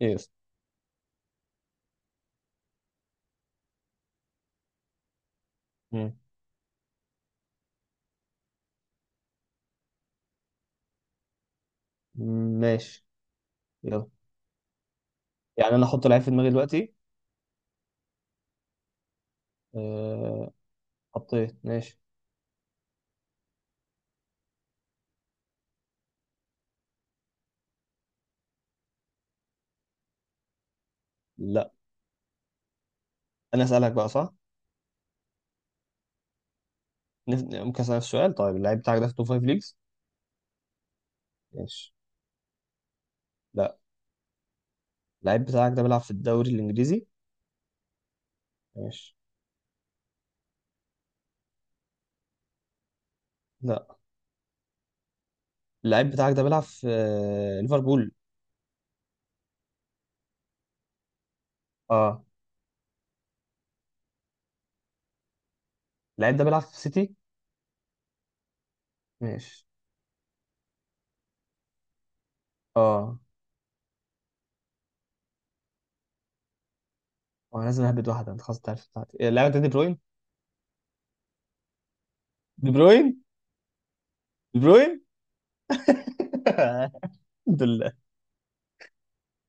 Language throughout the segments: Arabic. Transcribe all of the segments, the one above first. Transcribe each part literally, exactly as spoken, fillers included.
يس. مم. ماشي. يلا. يعني انا احط لعيب في دماغي دلوقتي؟ أه... حطيت. ماشي. لا. انا اسالك بقى، صح؟ نف... ممكن اسالك السؤال؟ طيب، اللعيب بتاعك ده في توب فايف ليجز؟ ماشي. لا. اللعيب بتاعك ده بيلعب في الدوري الانجليزي؟ ماشي. لا. اللعيب بتاعك ده بيلعب في آه، ليفربول؟ اه. اللعيب ده بيلعب في سيتي؟ ماشي. اه. وانا لازم اهبد واحده، انت خلاص تعرف بتاعتي إيه، اللعيب ده دي بروين. دي بروين. دي بروين. الحمد لله.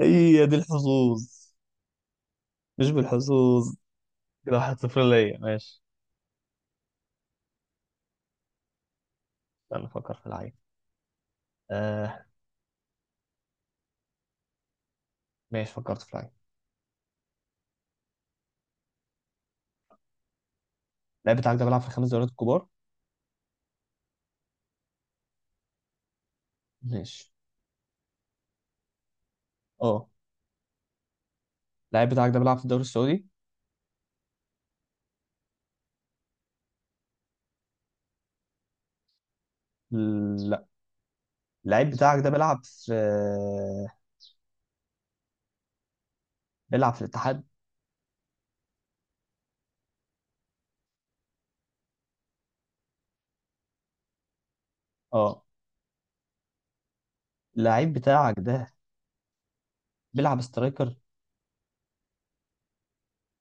هي دي الحظوظ. مش بالحظوظ. كده واحد صفر ليا. ماشي. استنى افكر في لعيب. آه ماشي، فكرت في لعيب. اللعيب بتاعك ده بيلعب في الخمس دوريات الكبار؟ ماشي. اه. اللعيب بتاعك ده بيلعب في الدوري السعودي؟ لا. اللعيب بتاعك ده بيلعب في بيلعب في الاتحاد؟ اه. اللعيب بتاعك ده بيلعب سترايكر؟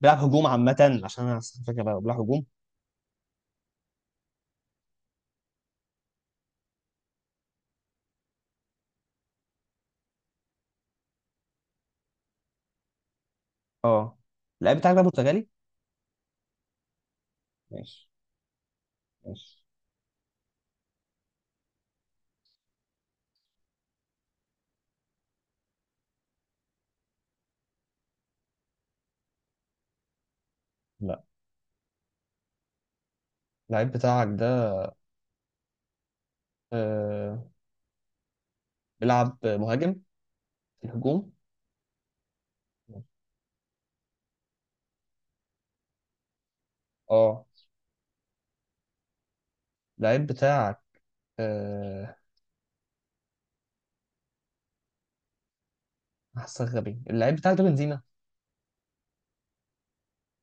بيلعب هجوم عامة، عشان انا أصلاً فاكر بقى بيلعب هجوم. اه. اللعيب بتاعك ده برتغالي؟ ماشي. ماشي. لا. اللعيب بتاعك ده آه بيلعب مهاجم في الهجوم؟ اه. اللعيب بتاعك، آه، حاسسك غبي. اللعيب بتاعك ده بنزيما؟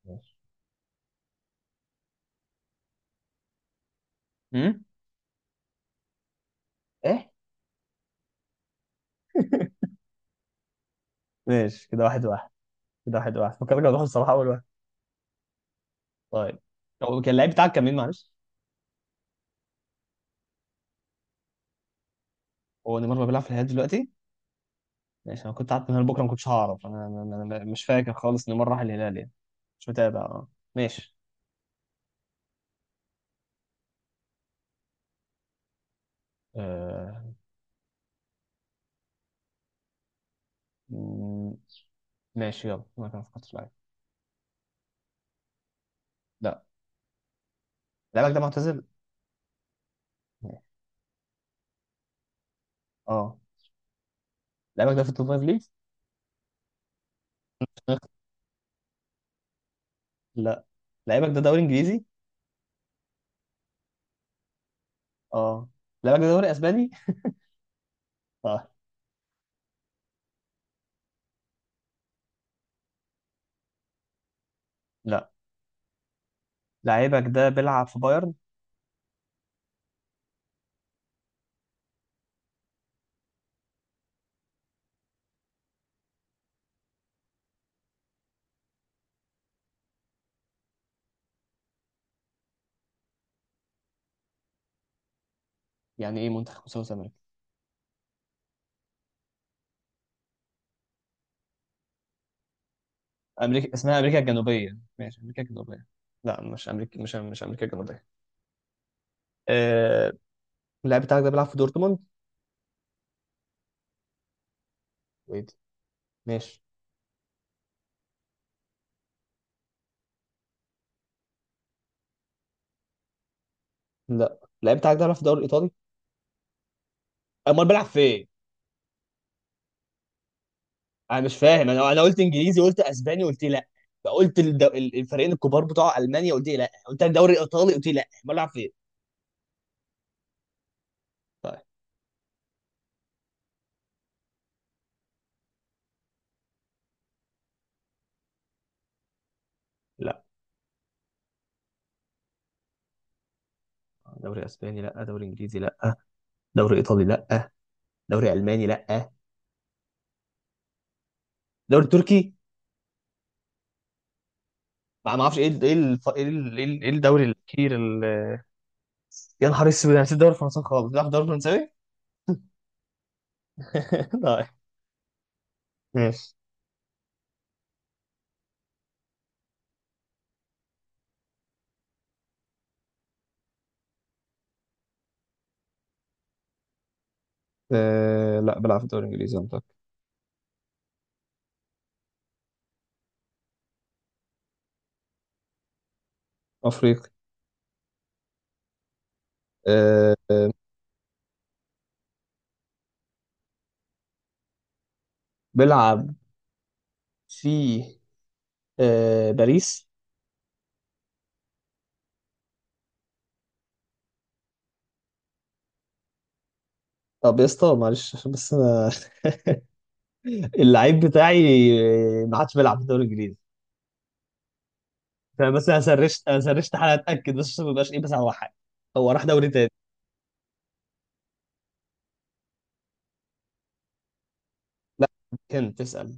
ماشي. امم. ايه. ماشي، كده واحد واحد. كده واحد واحد، فكرك هتروح الصراحه اول واحد. طيب. هو كان اللعيب بتاعك كان مين، معلش؟ هو نيمار ما بيلعب في الهلال دلوقتي؟ ماشي. انا كنت قعدت من هنا بكره ما كنتش هعرف. انا أنا- أنا- أنا مش فاكر خالص نيمار راح الهلال يعني. مش متابع، اه. ماشي. آه... مم، ماشي يلا، ما كان فكرت في لعيب. لا. لعيبك ده معتزل؟ ماشي. اه. لعيبك ده في التوب فايف ليج؟ لا. لعيبك ده دوري انجليزي؟ اه. لعيبك ده دوري اسباني؟ اه. لا. لعيبك ده بيلعب في بايرن؟ يعني ايه منتخب مساوس امريكا؟ امريكا اسمها امريكا الجنوبيه، ماشي، امريكا الجنوبيه. لا، مش امريكا، مش مش امريكا الجنوبيه. آه... اللاعب بتاعك ده بيلعب في دورتموند؟ ويت. ماشي. لا. اللاعب بتاعك ده بيلعب في الدوري الايطالي؟ امال بيلعب فين؟ انا مش فاهم. انا انا قلت انجليزي، قلت اسباني، قلت لا. قلت الد- ال- الفريقين الكبار بتوع المانيا، قلت لا. قلت الدوري الايطالي، قلت لا. امال بيلعب فين؟ طيب. لا دوري اسباني، لا دوري انجليزي، لا، دوري ايطالي لا، دوري الماني لا، دوري تركي؟ ما ما اعرفش ايه ال- ايه ال- ايه ال- ايه ال- إيه الدوري الاخير ال- يا نهار اسود، انا نسيت الدوري الفرنسي خالص. بتلعب في الدوري الفرنساوي؟ لا. ماشي. أه، لا، بلعب في الدوري الانجليزي منطقي. افريقي. أه. بلعب في أه باريس. طب يا اسطى، معلش، عشان بس انا. اللعيب بتاعي، آه، ما عادش بيلعب في الدوري الانجليزي. فانا بس، انا سرشت انا سرشت حاجه اتاكد بس، عشان ما يبقاش ايه بس على واحد. هو راح دوري تاني. لا. كان تسال.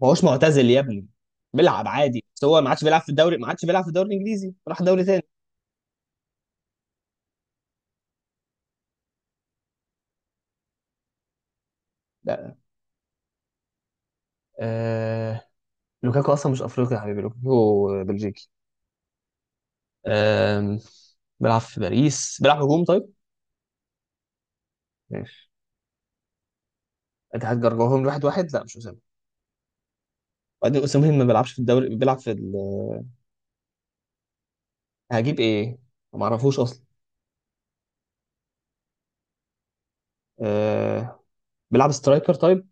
ما هوش معتزل يا ابني. بيلعب عادي، بس هو ما عادش بيلعب في الدوري. ما عادش بيلعب في الدوري الانجليزي. راح دوري تاني. لا. آه... لوكاكو اصلا مش افريقي يا حبيبي، لوكاكو بلجيكي. آه... بيلعب في باريس، بيلعب هجوم، طيب. ماشي. اتحاد جرجعهم واحد واحد. لا، مش اسامه. وبعدين اسامه ما بيلعبش في الدوري، بيلعب في ال... هجيب ايه؟ ما اعرفوش اصلا. آه... بيلعب سترايكر، طيب.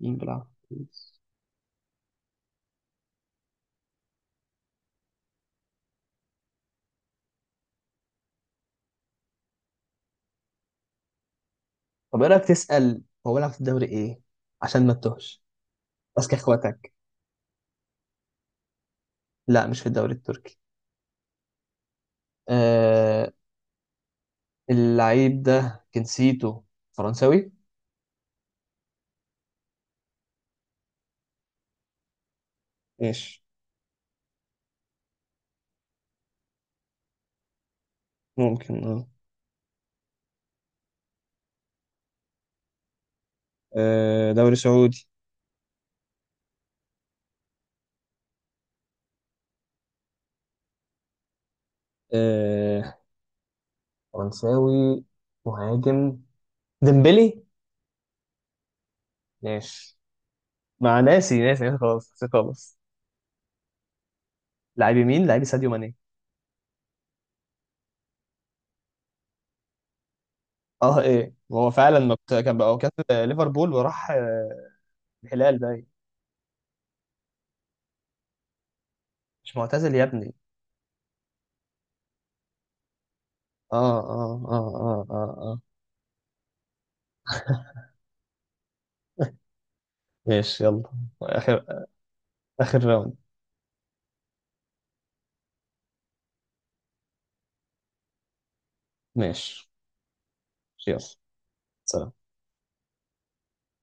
مين بيلعب في باريس؟ طب ايه رايك تسال هو بيلعب في الدوري ايه، عشان ما تتوهش. ماسك اخواتك. لا، مش في الدوري التركي. آه اللعيب ده جنسيته فرنساوي. ماشي. ممكن اه. آه، دوري سعودي. آه. فرنساوي. مهاجم. ديمبلي. ماشي. مع ناسي ناسي ناسي، خلاص ناسي، خلاص. لعيب يمين، لعيب ساديو ماني. اه، ايه، هو فعلا ما كنت- كان بقى هو كان في ليفربول وراح آه، الهلال باين. مش معتزل يا ابني. اه، اه، اه، اه، اه، آه. ماشي يلا. اخر اخر راوند. ماشي يلا. سلام.